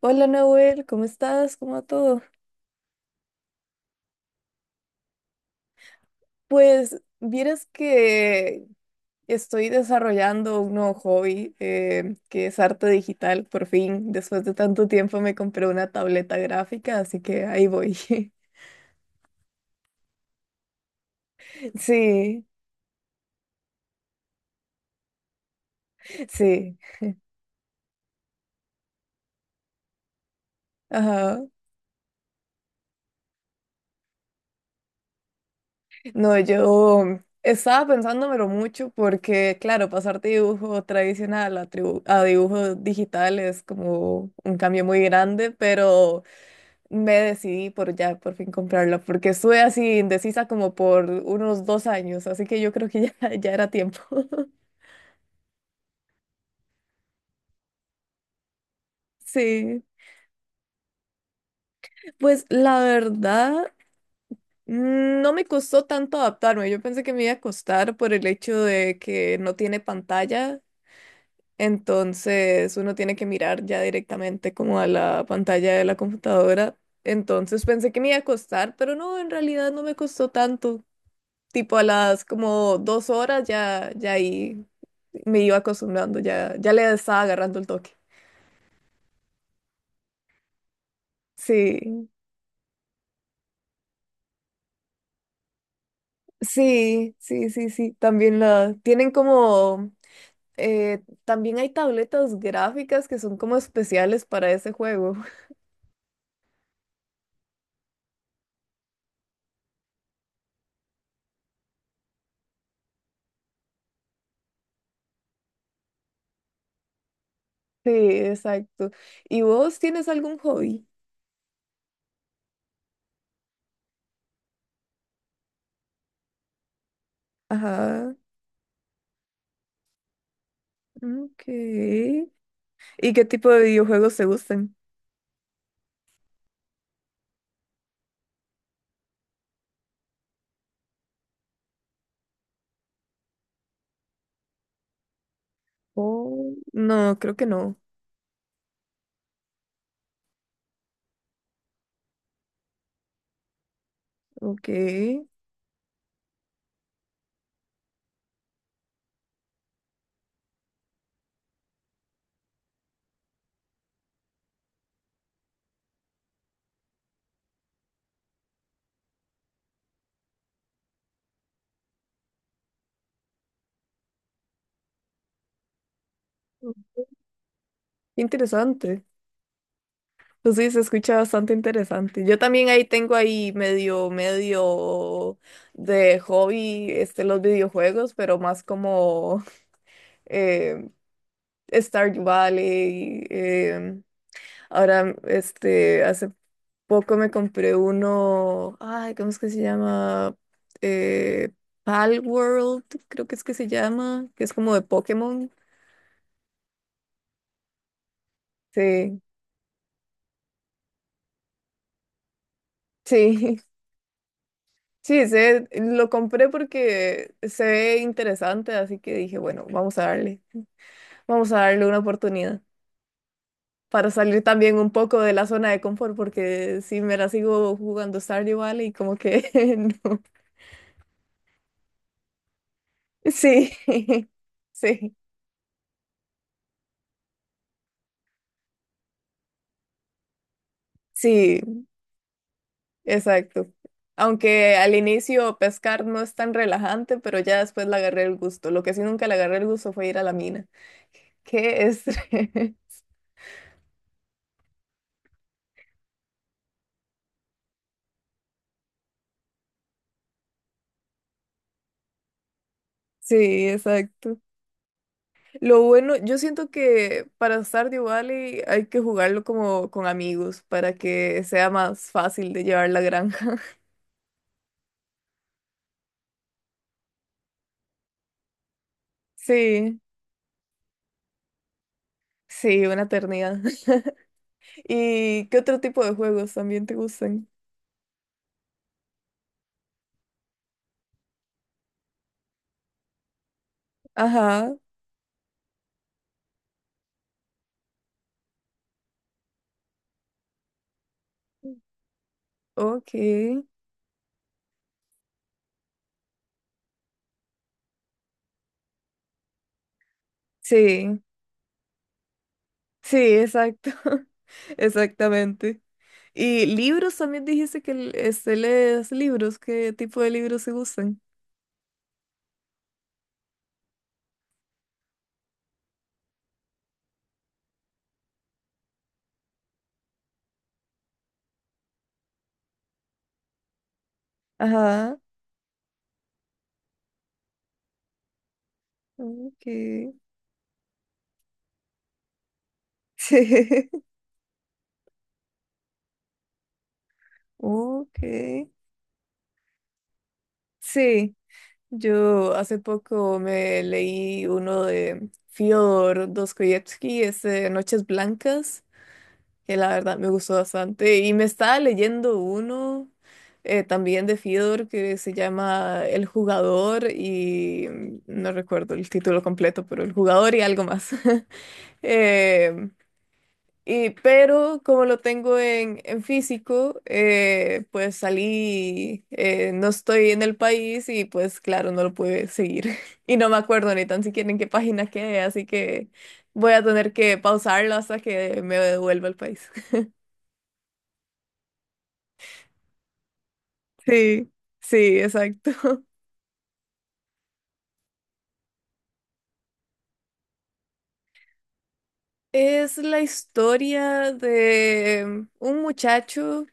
Hola Nahuel, ¿cómo estás? ¿Cómo va todo? Pues vieras que estoy desarrollando un nuevo hobby que es arte digital, por fin. Después de tanto tiempo me compré una tableta gráfica, así que ahí voy. Sí, sí. Ajá. No, yo estaba pensándomelo mucho porque, claro, pasar de dibujo tradicional a dibujo digital es como un cambio muy grande, pero me decidí por ya por fin comprarla, porque estuve así indecisa como por unos 2 años, así que yo creo que ya, ya era tiempo. Sí, pues la verdad, no me costó tanto adaptarme. Yo pensé que me iba a costar por el hecho de que no tiene pantalla, entonces uno tiene que mirar ya directamente como a la pantalla de la computadora. Entonces pensé que me iba a costar, pero no, en realidad no me costó tanto. Tipo a las como 2 horas ya, ya ahí me iba acostumbrando, ya, ya le estaba agarrando el toque. Sí, sí, sí, sí, sí. También la tienen como también hay tabletas gráficas que son como especiales para ese juego. Sí, exacto. ¿Y vos tienes algún hobby? Ajá. Ok. ¿Y qué tipo de videojuegos te gustan? Oh, no, creo que no. Ok. Interesante. Pues sí, se escucha bastante interesante. Yo también ahí tengo ahí medio, medio de hobby este, los videojuegos, pero más como eh, Stardew Valley. Ahora, este, hace poco me compré uno, ay, ¿cómo es que se llama? Eh, Palworld, creo que es que se llama, que es como de Pokémon. Sí, sí. Sí, se, lo compré porque se ve interesante, así que dije, bueno, vamos a darle una oportunidad para salir también un poco de la zona de confort, porque si me la sigo jugando Stardew Valley, como que no. Sí, sí, sí, exacto. Aunque al inicio pescar no es tan relajante, pero ya después le agarré el gusto. Lo que sí nunca le agarré el gusto fue ir a la mina. Qué estrés. Sí, exacto. Lo bueno, yo siento que para Stardew Valley hay que jugarlo como con amigos para que sea más fácil de llevar la granja. Sí, sí, una eternidad. ¿Y qué otro tipo de juegos también te gustan? Ajá, ok. Sí, sí, exacto. Exactamente. ¿Y libros también dijiste que este, lees libros? ¿Qué tipo de libros se gustan? Ajá, ok. Sí, ok. Sí. Yo hace poco me leí uno de Fyodor Dostoyevsky, ese Noches Blancas, que la verdad me gustó bastante. Y me estaba leyendo uno también de Fyodor que se llama El Jugador y no recuerdo el título completo, pero El Jugador y algo más. Em, y, pero como lo tengo en físico, pues salí, no estoy en el país y pues claro, no lo pude seguir. Y no me acuerdo ni tan siquiera en qué página quedé, así que voy a tener que pausarlo hasta que me devuelva al país. Sí, sí, exacto. Es la historia de un muchacho,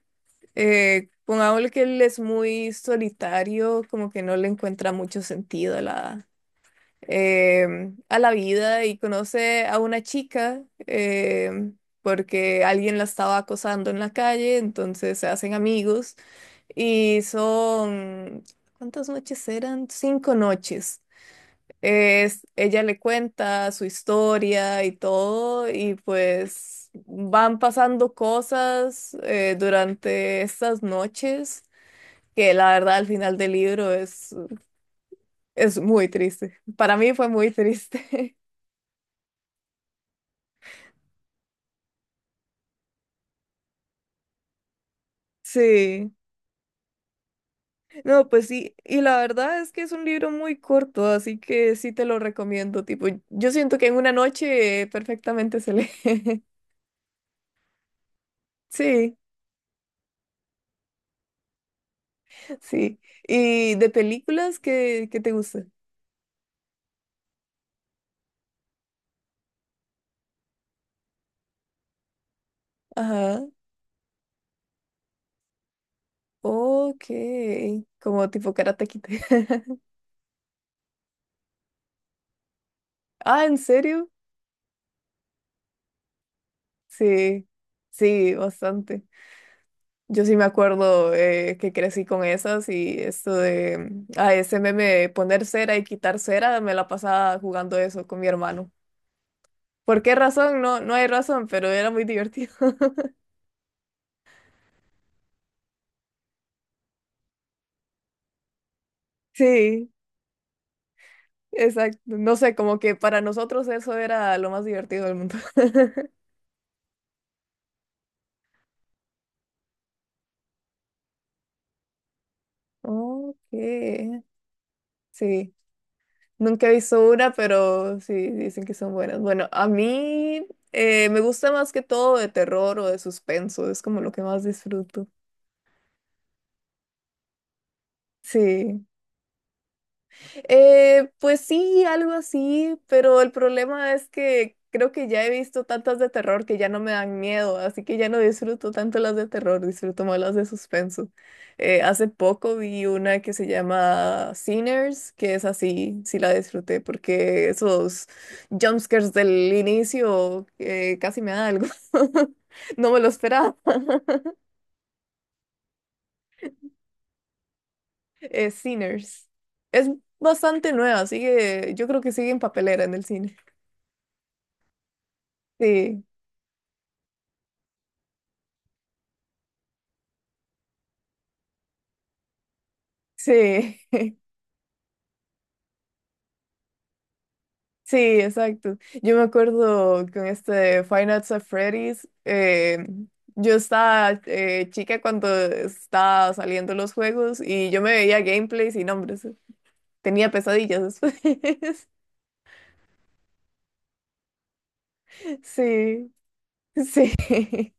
pongámosle que él es muy solitario, como que no le encuentra mucho sentido a la, a la vida y conoce a una chica porque alguien la estaba acosando en la calle, entonces se hacen amigos y son, ¿cuántas noches eran? 5 noches. Es, ella le cuenta su historia y todo y pues van pasando cosas durante estas noches. Que la verdad al final del libro es muy triste. Para mí fue muy triste. Sí, no, pues sí, y la verdad es que es un libro muy corto, así que sí te lo recomiendo, tipo, yo siento que en una noche perfectamente se lee. Sí, sí. ¿Y de películas que, te gustan? Ajá, ok, como tipo Karate Kid. Ah, ¿en serio? Sí, sí, bastante. Yo sí me acuerdo que crecí con esas y esto de a ese meme de poner cera y quitar cera, me la pasaba jugando eso con mi hermano. ¿Por qué razón? No, no hay razón, pero era muy divertido. Sí, exacto. No sé, como que para nosotros eso era lo más divertido del mundo. Ok, sí. Nunca he visto una, pero sí, dicen que son buenas. Bueno, a mí me gusta más que todo de terror o de suspenso, es como lo que más disfruto. Sí. Pues sí, algo así, pero el problema es que creo que ya he visto tantas de terror que ya no me dan miedo, así que ya no disfruto tanto las de terror, disfruto más las de suspenso. Hace poco vi una que se llama Sinners, que es así, sí la disfruté porque esos jumpscares del inicio casi me da algo. No me lo esperaba. Sinners. Es bastante nueva, sigue, yo creo que sigue en papelera en el cine. Sí. Sí, sí, exacto. Yo me acuerdo con este Five Nights at Freddy's, yo estaba chica cuando estaba saliendo los juegos y yo me veía gameplays y nombres. Tenía pesadillas después. Sí, sí.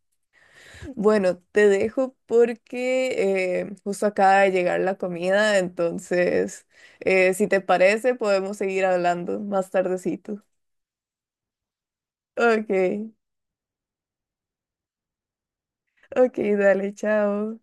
Bueno, te dejo porque justo acaba de llegar la comida, entonces, si te parece, podemos seguir hablando más tardecito. Ok, ok, dale, chao.